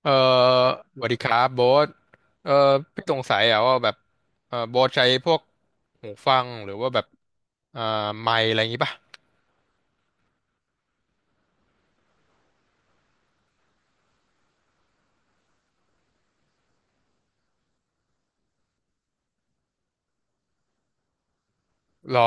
เออสวัสดีครับโบ๊ทเออพี่สงสัยอะว่าแบบโบ๊ทใช้พวกหูฟังหรือว่าแบบอ่าไมค์อะไรอย่างงี้ป่ะหรอ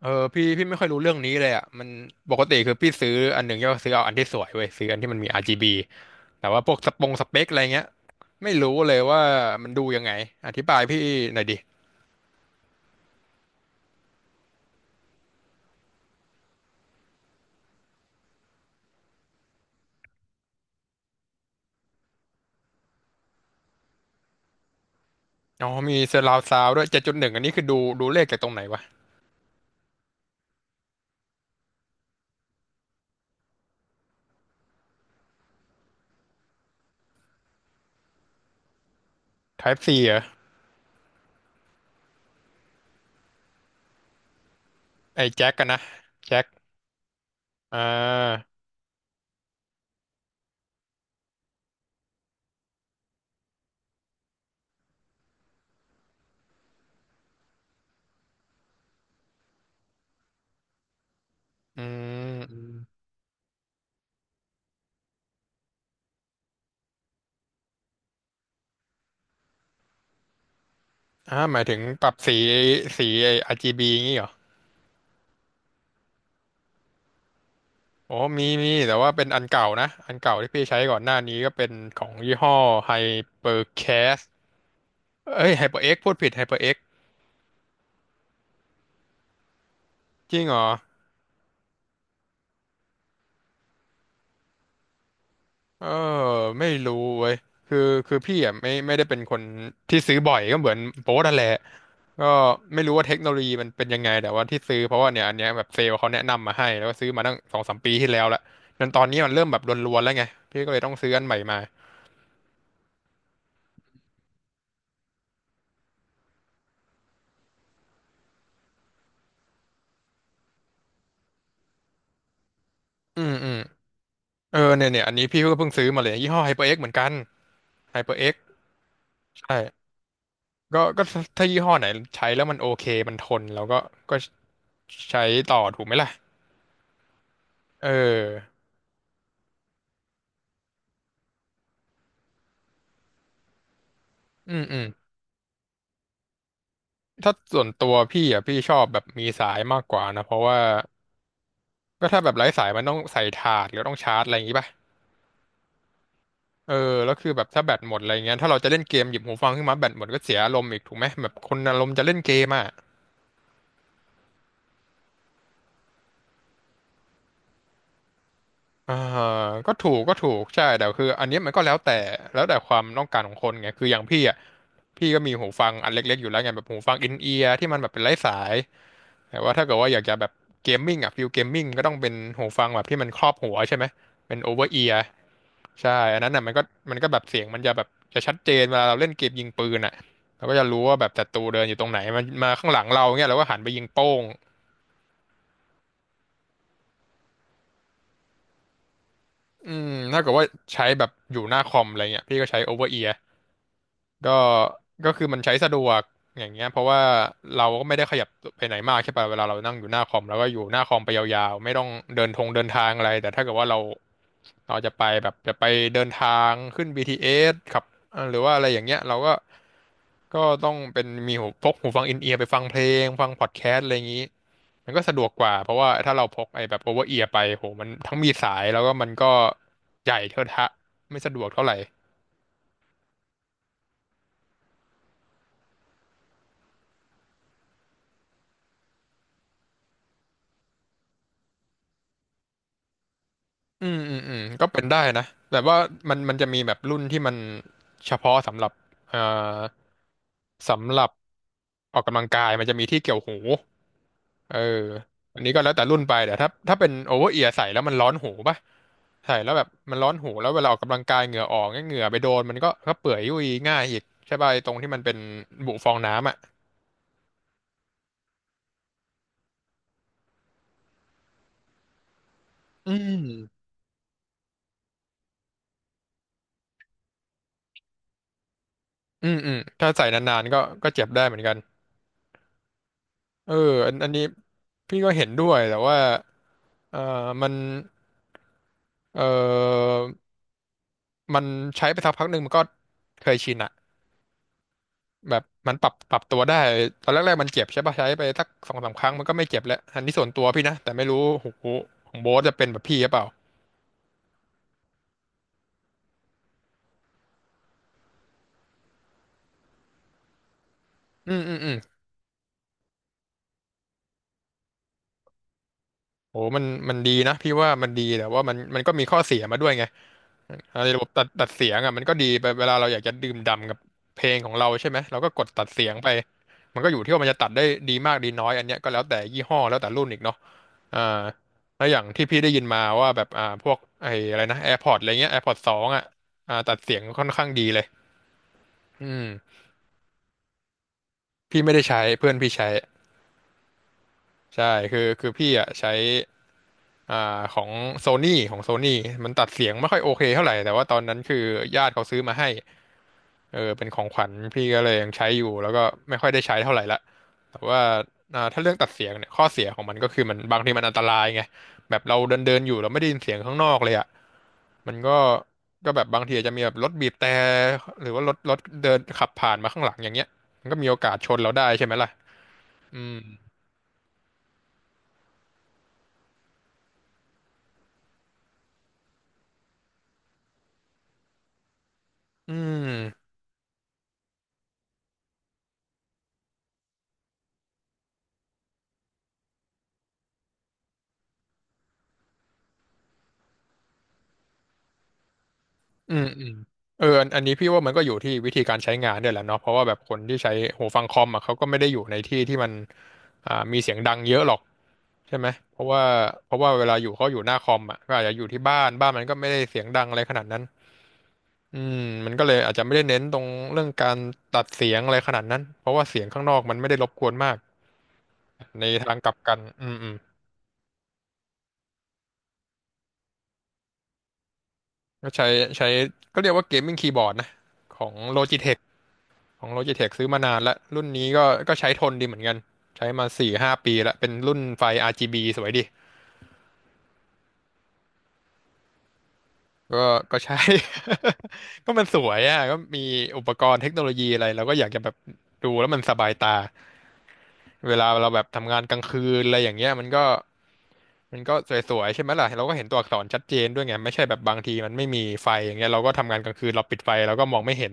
เออพี่ไม่ค่อยรู้เรื่องนี้เลยอ่ะมันปกติคือพี่ซื้ออันหนึ่งก็ซื้อเอาอันที่สวยเว้ยซื้ออันที่มันมี RGB แต่ว่าพวกสปงสเปคอะไรเงี้ยไม่รู้เลยว่ามันดูยังไงอธิบายพี่หน่อยดิอ๋อมี surround sound ด้วย7.1อันนี้คือดูเลขจากตรงไหนวะ Type C เหรอไอ้แจ็คกันนะแจ็คอ่าอืม หมายถึงปรับสีสีไอ้ RGB งี้เหรอโอ้มีมีแต่ว่าเป็นอันเก่านะอันเก่าที่พี่ใช้ก่อนหน้านี้ก็เป็นของยี่ห้อ HyperCast เอ้ย HyperX พูดผิด HyperX จริงเหรอ เออไม่รู้เว้ยคือคือพี่อ่ะไม่ได้เป็นคนที่ซื้อบ่อยก็เหมือนโป๊ะนั่นแหละก็ไม่รู้ว่าเทคโนโลยีมันเป็นยังไงแต่ว่าที่ซื้อเพราะว่าเนี่ยอันเนี้ยแบบเซลล์เขาแนะนำมาให้แล้วก็ซื้อมาตั้งสองสามปีที่แล้วละจนตอนนี้มันเริ่มแบบรวนๆแล้วไงพี่ก็เลยต้องซื้ออันใหม่มาอืมอืม เนี่ยอันนี้พี่ก็เพิ่งซื้อมาเลยยี่ห้อ HyperX เหมือนกัน HyperX ใช่ก็ถ้ายี่ห้อไหนใช้แล้วมันโอเคมันทนแล้วก็ก็ใช้ต่อถูกไหมล่ะเอออืมอืมถ้าส่วนตัวพี่อ่ะพี่ชอบแบบมีสายมากกว่านะเพราะว่าก็ถ้าแบบไร้สายมันต้องใส่ถาดหรือต้องชาร์จอะไรอย่างงี้ป่ะเออแล้วคือแบบถ้าแบตหมดอะไรเงี้ยถ้าเราจะเล่นเกมหยิบหูฟังขึ้นมาแบตหมดก็เสียอารมณ์อีกถูกไหมแบบคนอารมณ์จะเล่นเกมอ่ะ อ่าก็ถูกใช่แต่คืออันเนี้ยมันก็แล้วแต่ความต้องการของคนไงคืออย่างพี่อ่ะพี่ก็มีหูฟังอันเล็กๆอยู่แล้วไงแบบหูฟังอินเอียร์ที่มันแบบเป็นไร้สายแต่ว่าถ้าเกิดว่าอยากจะแบบเกมมิ่งอ่ะฟิลเกมมิ่งก็ต้องเป็นหูฟังแบบที่มันครอบหัวใช่ไหมเป็นโอเวอร์เอียร์ใช่อันนั้นอ่ะมันก็แบบเสียงมันจะแบบจะชัดเจนเวลาเราเล่นเกมยิงปืนอ่ะเราก็จะรู้ว่าแบบศัตรูเดินอยู่ตรงไหนมันมาข้างหลังเราเงี้ยเราก็หันไปยิงโป้งอืมถ้าเกิดว่าใช้แบบอยู่หน้าคอมอะไรเงี้ยพี่ก็ใช้โอเวอร์เอีย ก็ก็คือมันใช้สะดวก อย่างเงี้ยเพราะว่าเราก็ไม่ได้ขยับไปไหนมากใช่ป่ะเวลาเรานั่งอยู่หน้าคอมแล้วก็อยู่หน้าคอมไปยาวๆ ไม่ต้องเดินทางอะไรแต่ถ้าเกิดว่าเราจะไปแบบจะไปเดินทางขึ้น BTS ขับหรือว่าอะไรอย่างเงี้ยเราก็ ก็ต้องเป็นมีพกหูฟังอินเอียร์ไปฟังเพลงฟังพอดแคสต์อะไรอย่างงี้ มันก็สะดวกกว่าเพราะว่าถ้าเราพกไอ้แบบโอเวอร์เอียร์ไปโหมันทั้งมีสายแล้วก็มันก็ใหญ่เทอะทะไม่สะดวกเท่าไหร่ อืมอืมอืมก็เป็นได้นะแบบว่ามันจะมีแบบรุ่นที่มันเฉพาะสำหรับเอ่อสำหรับออกกำลังกายมันจะมีที่เกี่ยวหูเอออันนี้ก็แล้วแต่รุ่นไปแต่ถ้าถ้าเป็นโอเวอร์เอียร์ใส่แล้วมันร้อนหูป่ะใส่แล้วแบบมันร้อนหูแล้วเวลาออกกำลังกายเหงื่อออกเนี่ยเหงื่อไปโดนมันก็ก็เปื่อยยุ่ยง่ายอีกใช่ป่ะไอ้ตรงที่มันเป็นบุฟองน้ำอ่ะอืมอืมอืมถ้าใส่นานๆก็ก็เจ็บได้เหมือนกันเอออันนี้พี่ก็เห็นด้วยแต่ว่าเออมัน เออมันใช้ไปสักพักหนึ่งมันก็เคยชินอะแบบมันปรับตัวได้ตอนแรกๆมันเจ็บใช่ปะใช้ไปสักสองสามครั้งมันก็ไม่เจ็บแล้วอันนี้ส่วนตัวพี่นะแต่ไม่รู้โอ้โหของโบ๊ทจะเป็นแบบพี่หรือเปล่าอืมอืมอืมโอ้มันมันดีนะพี่ว่ามันดีแต่ว่ามันก็มีข้อเสียมาด้วยไงในระบบตัดเสียงอะมันก็ดีไปเวลาเราอยากจะดื่มด่ำกับเพลงของเราใช่ไหมเราก็กดตัดเสียงไปมันก็อยู่ที่ว่ามันจะตัดได้ดีมากดีน้อยอันเนี้ยก็แล้วแต่ยี่ห้อแล้วแต่รุ่นอีกเนาะ อ่าแล้วอย่างที่พี่ได้ยินมาว่าแบบพวกไอ้อะไรนะ AirPods อะไรเงี้ย AirPods สองอ่ะตัดเสียงค่อนข้างดีเลยอืมพี่ไม่ได้ใช้เพื่อนพี่ใช้ใช่คือพี่อ่ะใช้ของโซนี่ของโซนี่มันตัดเสียงไม่ค่อยโอเคเท่าไหร่แต่ว่าตอนนั้นคือญาติเขาซื้อมาให้เออเป็นของขวัญพี่ก็เลยยังใช้อยู่แล้วก็ไม่ค่อยได้ใช้เท่าไหร่ละแต่ว่าถ้าเรื่องตัดเสียงเนี่ยข้อเสียของมันก็คือมันบางทีมันอันตรายไงแบบเราเดินเดินอยู่เราไม่ได้ยินเสียงข้างนอกเลยอะ มันก็แบบบางทีอาจจะมีแบบรถบีบแต่หรือว่ารถเดินขับผ่านมาข้างหลังอย่างเงี้ย มันก็มีโอกาสชนเราได้ใช่ไหมล่ะอืมอืมอืมเอออันนี้พี่ว่ามันก็อยู่ที่วิธีการใช้งานด้วยแหละเนาะเพราะว่าแบบคนที่ใช้หูฟังคอมอ่ะเขาก็ไม่ได้อยู่ในที่ที่มันมีเสียงดังเยอะหรอกใช่ไหม เพราะว่าเพราะว่าเวลาอยู่เขาอยู่หน้าคอมอ่ะก็อาจจะอยู่ที่บ้านมันก็ไม่ได้เสียงดังอะไรขนาดนั้นอืมมันก็เลยอาจจะไม่ได้เน้นตรงเรื่องการตัดเสียงอะไรขนาดนั้นเพราะว่าเสียงข้างนอกมันไม่ได้รบกวนมาก ในทางกลับกันอืมก็ใช้ก็เรียกว่าเกมมิ่งคีย์บอร์ดนะของ Logitech ของ Logitech ซื้อมานานแล้วรุ่นนี้ก็ใช้ทนดีเหมือนกันใช้มาสี่ห้าปีแล้วเป็นรุ่นไฟ RGB สวยดีก็ใช้ ก็มันสวยอ่ะก็มีอุปกรณ์เทคโนโลยีอะไรเราก็อยากจะแบบดูแล้วมันสบายตาเวลาเราแบบทำงานกลางคืนอะไรอย่างเงี้ยมันก็ มันก็วยๆใช่ไหมล่ะเราก็เห็นตัวอักษรชัดเจนด้วยไงไม่ใช่แบบบางทีมันไม่มีไฟอย่างเงี้ยเราก็ทำงานกลางคืนเราปิดไฟเราก็มองไม่เห็น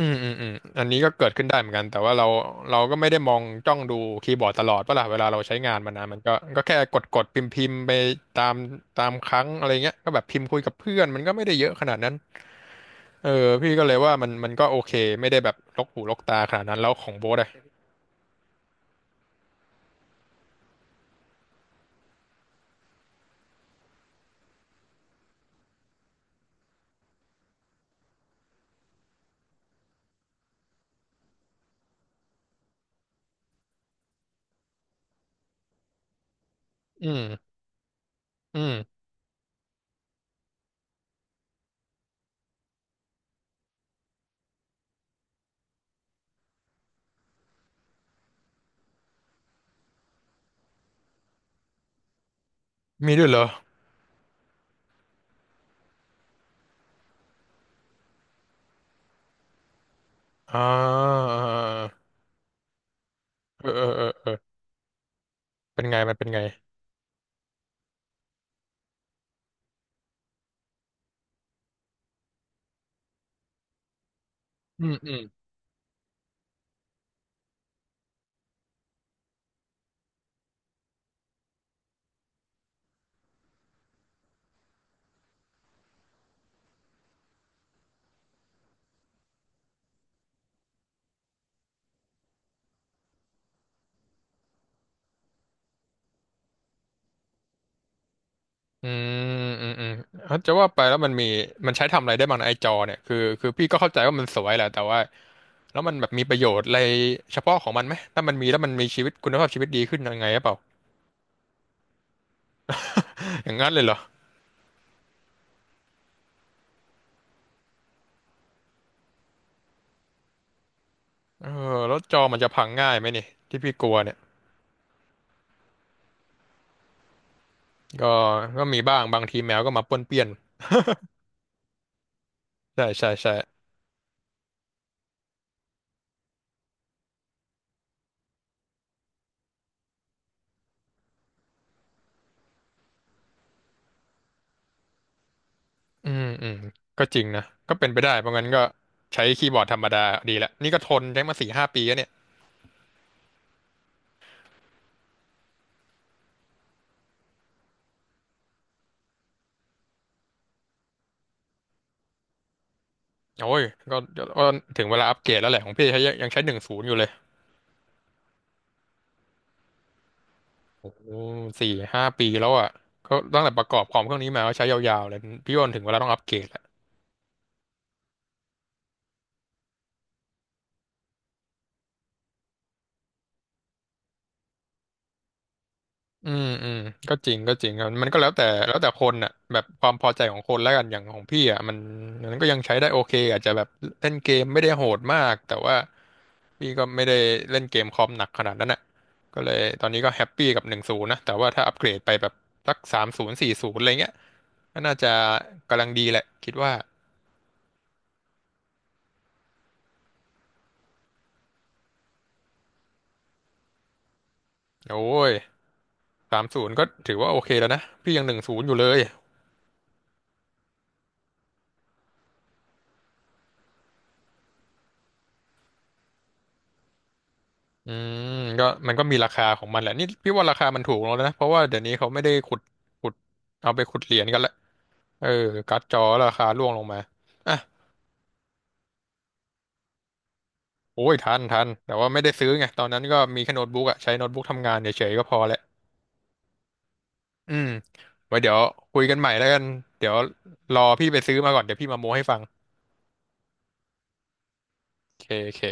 อืมอันนี้ก็เกิดขึ้นได้เหมือนกันแต่ว่าเราก็ไม่ได้มองจ้องดูคีย์บอร์ดตลอดปะล่ะเวลาเราใช้งานมันนะมันก็ก็แค่กดพิมพ์ไปตามตามครั้งอะไรเงี้ยก็แบบพิมพ์คุยกับเพื่อนมันก็ไม่ได้เยอะขนาดนั้นเออพี่ก็เลยว่ามันมันก็โอเคไม่ได้แบบลกหูลกตาขนาดนั้นแล้วของโบ๊ทอะอืมอืมมีด้วยเหรออ่าเออเป็นไงมันเป็นไง อืมอืมอืมอืมเอ้าจะว่าไปแล้วมันมีมันใช้ทำอะไรได้บ้างนะไอจอเนี่ยคือพี่ก็เข้าใจว่ามันสวยแหละแต่ว่าแล้วมันแบบมีประโยชน์อะไรเฉพาะของมันไหมถ้ามันมีแล้วมันมีชีวิตคุณภาพชีวิตดีขึ้นยังไงหรือเปล่าอย่างนั้นเลยเหรอเออแล้วจอมันจะพังง่ายไหมนี่ที่พี่กลัวเนี่ยก็ก็มีบ้างบางทีแมวก็มาป้วนเปี้ยนใช่ใช่ใช่อืมก็จริงนะก็เป็นไปได้เพราะงั้นก็ใช้คีย์บอร์ดธรรมดาดีละนี่ก็ทนใช้มาสี่ห้าปีแล้วเนี่ย โอ้ยก็ถึงเวลาอัปเกรดแล้วแหละของพี่ใช้ยังใช้หนึ่งศูนย์อยู่เลยโอ้สี่ห้าปีแล้วอ่ะก็ตั้งแต่ประกอบคอมเครื่องนี้มาก็ใช้ยาวๆเลย พี่ว่าถึงเวลาต้องอัปเกรดแล้วอืมก็จริงครับมันก็แล้วแต่คนอ่ะแบบความพอใจของคนแล้วกันอย่างของพี่อ่ะมันมันก็ยังใช้ได้โอเคอาจจะแบบเล่นเกมไม่ได้โหดมากแต่ว่า พี่ก็ไม่ได้เล่นเกมคอมหนักขนาดนั้นน่ะก็เลยตอนนี้ก็แฮปปี้กับหนึ่งศูนย์นะ แต่ว่าถ้าอัปเกรดไปแบบสักสามศูนย์40อะไรเงี้ยก็น่าจะกำลังดีแหละคิดว่าโอ้ยสามศูนย์ก็ถือว่าโอเคแล้วนะพี่ยังหนึ่งศูนย์อยู่เลยอืมก็มันก็มีราคาของมันแหละนี่พี่ว่าราคามันถูกแล้วนะเพราะว่าเดี๋ยวนี้เขาไม่ได้ขุดเอาไปขุดเหรียญกันละเออการ์ดจอราคาร่วงลงมาอ่ะโอ้ยทันแต่ว่าไม่ได้ซื้อไงตอนนั้นก็มีแค่โน้ตบุ๊กอะใช้โน้ตบุ๊กทำงานเฉยๆก็พอแหละ อืมไว้เดี๋ยวคุยกันใหม่แล้วกัน เดี๋ยวรอพี่ไปซื้อมาก่อน เดี๋ยวพี่มาโม้ให้ฟังโอเคโอเค